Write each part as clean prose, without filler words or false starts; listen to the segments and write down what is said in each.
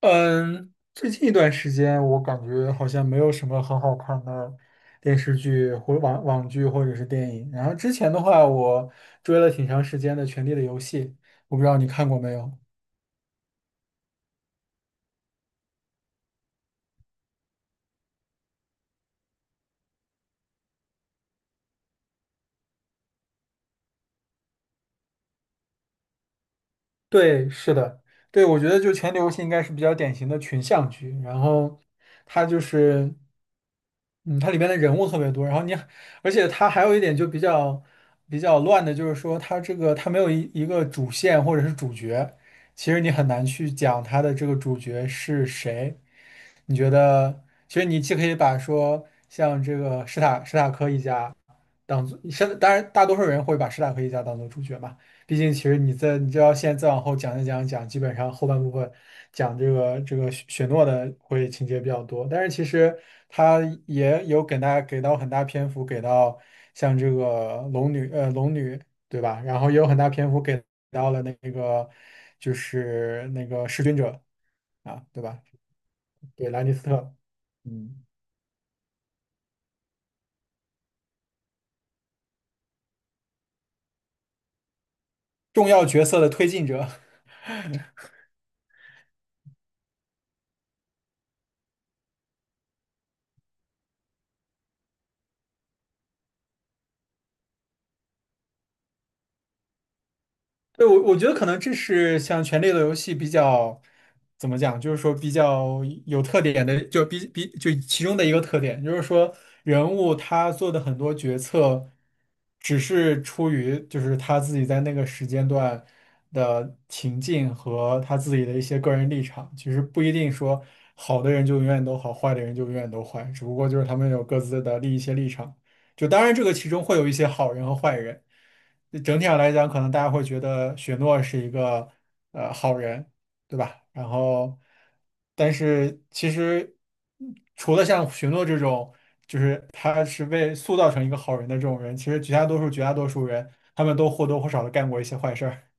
嗯，最近一段时间我感觉好像没有什么很好看的电视剧或网剧或者是电影。然后之前的话，我追了挺长时间的《权力的游戏》，我不知道你看过没有。对，是的，对，我觉得就前流戏应该是比较典型的群像剧，然后它就是，嗯，它里边的人物特别多，然后你，而且它还有一点就比较乱的，就是说它这个它没有一个主线或者是主角，其实你很难去讲它的这个主角是谁。你觉得，其实你既可以把说像这个史塔克一家。当做现当然，大多数人会把史塔克一家当做主角嘛。毕竟，其实你现在再往后讲讲，基本上后半部分讲这个雪诺的情节比较多。但是其实他也有给大家给到很大篇幅，给到像这个龙女对吧？然后也有很大篇幅给到了那个就是那个弑君者啊对吧？对，兰尼斯特，嗯，重要角色的推进者。对，我觉得可能这是像《权力的游戏》比较怎么讲，就是说比较有特点的，就就其中的一个特点，就是说人物他做的很多决策，只是出于就是他自己在那个时间段的情境和他自己的一些个人立场，其实不一定说好的人就永远都好，坏的人就永远都坏，只不过就是他们有各自的一些立场。就当然这个其中会有一些好人和坏人。整体上来讲，可能大家会觉得雪诺是一个好人，对吧？然后，但是其实除了像雪诺这种，就是他是被塑造成一个好人的这种人，其实绝大多数人，他们都或多或少的干过一些坏事儿。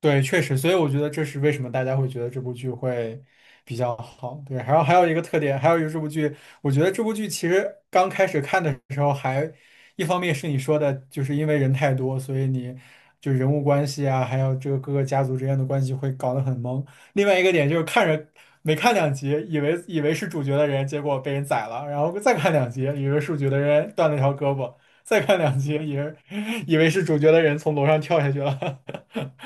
对，确实，所以我觉得这是为什么大家会觉得这部剧会比较好。对，还有一个特点，还有一个这部剧，我觉得这部剧其实刚开始看的时候还，一方面是你说的，就是因为人太多，所以你就人物关系啊，还有这个各个家族之间的关系会搞得很懵。另外一个点就是看着没看两集，以为是主角的人，结果被人宰了，然后再看两集，以为是主角的人断了条胳膊，再看两集，以为 以为是主角的人从楼上跳下去了。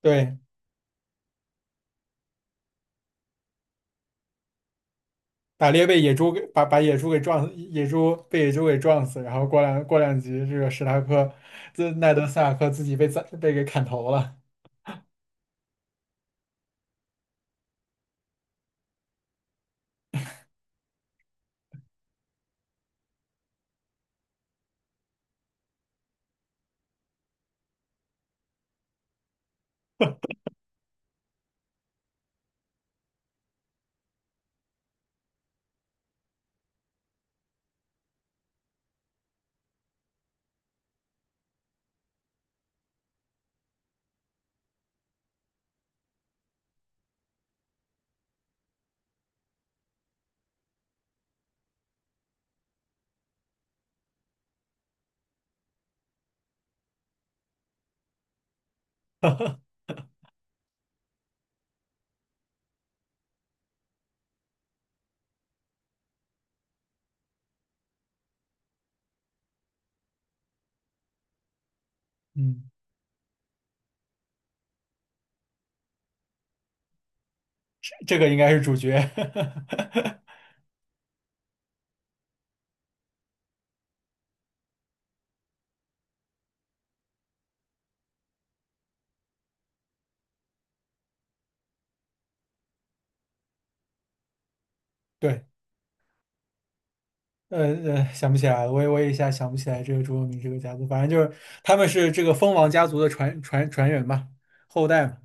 对，打猎被野猪给把把野猪给撞，死，野猪被野猪给撞死，然后过两集，这个史塔克，奈德·斯塔克自己被给砍头了。嗯，这个应该是主角。对，呃，想不起来了，我一下想不起来这个朱文明这个家族，反正就是他们是这个蜂王家族的传人嘛，后代嘛。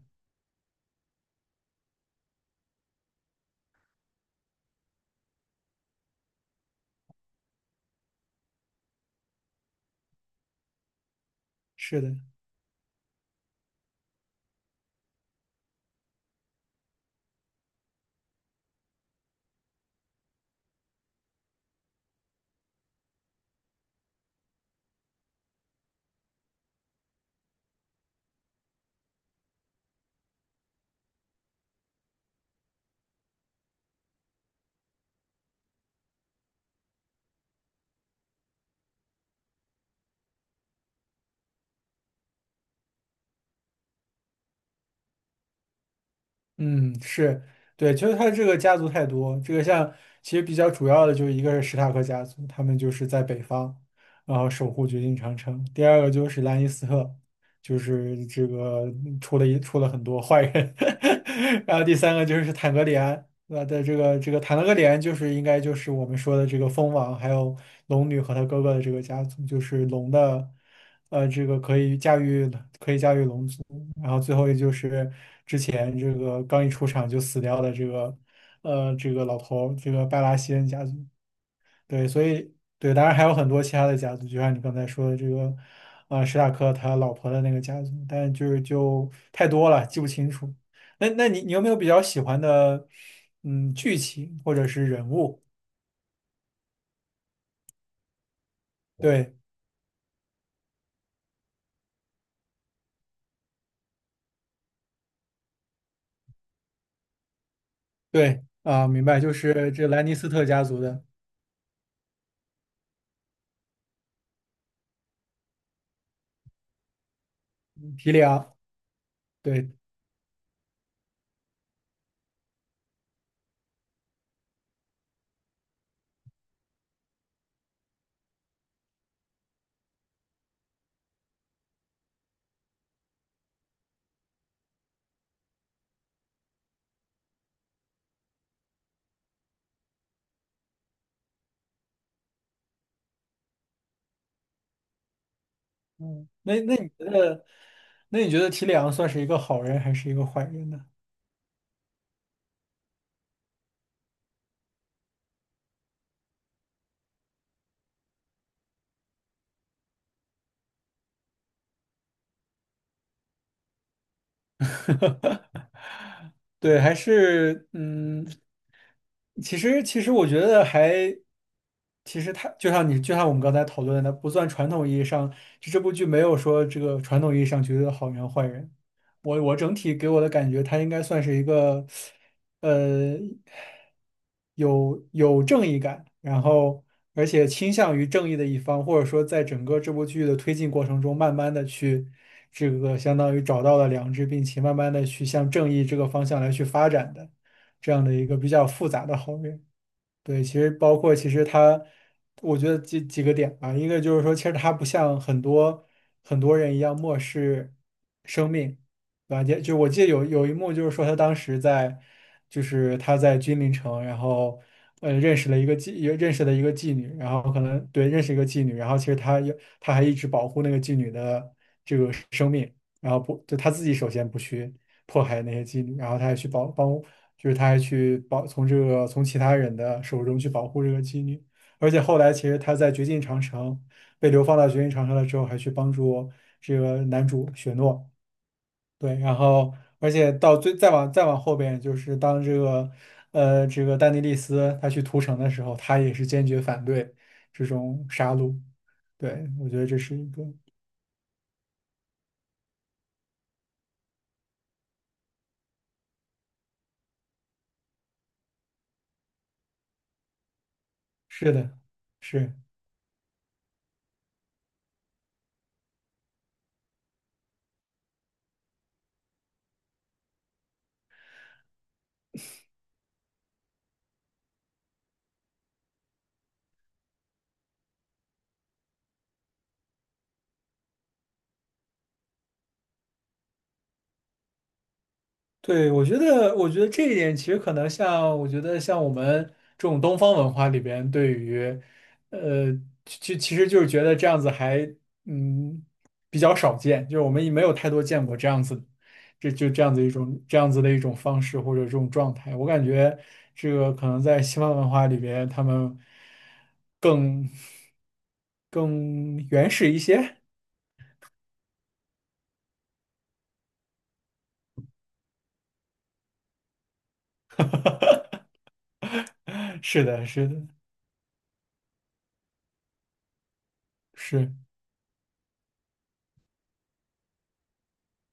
是的，嗯，是，对，就是他这个家族太多，这个像其实比较主要的就一个是史塔克家族，他们就是在北方，然后守护绝境长城；第二个就是兰尼斯特，就是这个出了很多坏人；然后第三个就是坦格里安，呃的这个这个谈了个点，就是应该就是我们说的这个蜂王，还有龙女和她哥哥的这个家族，就是龙的，呃，这个可以驾驭龙族，然后最后也就是之前这个刚一出场就死掉的这个，呃，这个老头儿这个拜拉希恩家族。对，所以对，当然还有很多其他的家族，就像你刚才说的这个，呃，史塔克他老婆的那个家族，但就是就太多了，记不清楚。那你有没有比较喜欢的，嗯，剧情或者是人物？对对啊，明白，就是这兰尼斯特家族的提里昂。对，嗯，你觉得，那你觉得提里昂算是一个好人还是一个坏人呢？对，还是嗯，其实我觉得还，其实它就像我们刚才讨论的，不算传统意义上，就这部剧没有说这个传统意义上绝对的好人和坏人。我整体给我的感觉，他应该算是一个。呃，有正义感，然后而且倾向于正义的一方，或者说在整个这部剧的推进过程中，慢慢的去这个相当于找到了良知，并且慢慢的去向正义这个方向来去发展的这样的一个比较复杂的好人。对，其实包括其实他，我觉得几个点吧，一个就是说，其实他不像很多人一样漠视生命，对吧？也就我记得有一幕就是说，他当时在就是他在君临城，然后认识了一个妓女，然后可能对认识一个妓女，然后其实他他还一直保护那个妓女的。然后不就他自己首先不去迫害那些妓女，然后他还去保帮，就是他还去保从这个从其他人的手中去保护这个妓女，而且后来其实他在绝境长城被流放到绝境长城了之后，还去帮助这个男主雪诺，对，然后而且到最再往后边就是当这个这个丹尼利斯他去屠城的时候，他也是坚决反对这种杀戮，对，我觉得这是一个是的。是，对，我觉得，我觉得这一点其实可能像，我觉得像我们这种东方文化里边，对于，呃，其实就是觉得这样子还，嗯，比较少见，就是我们也没有太多见过这样子，这样子一种这样子的一种方式或者这种状态。我感觉这个可能在西方文化里边，他们更更原始一些。是的，是的，是。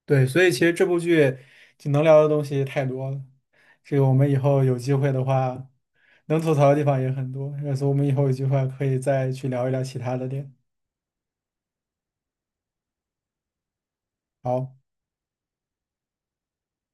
对，所以其实这部剧就能聊的东西太多了，这个我们以后有机会的话，能吐槽的地方也很多，所以我们以后有机会可以再去聊一聊其他的点。好。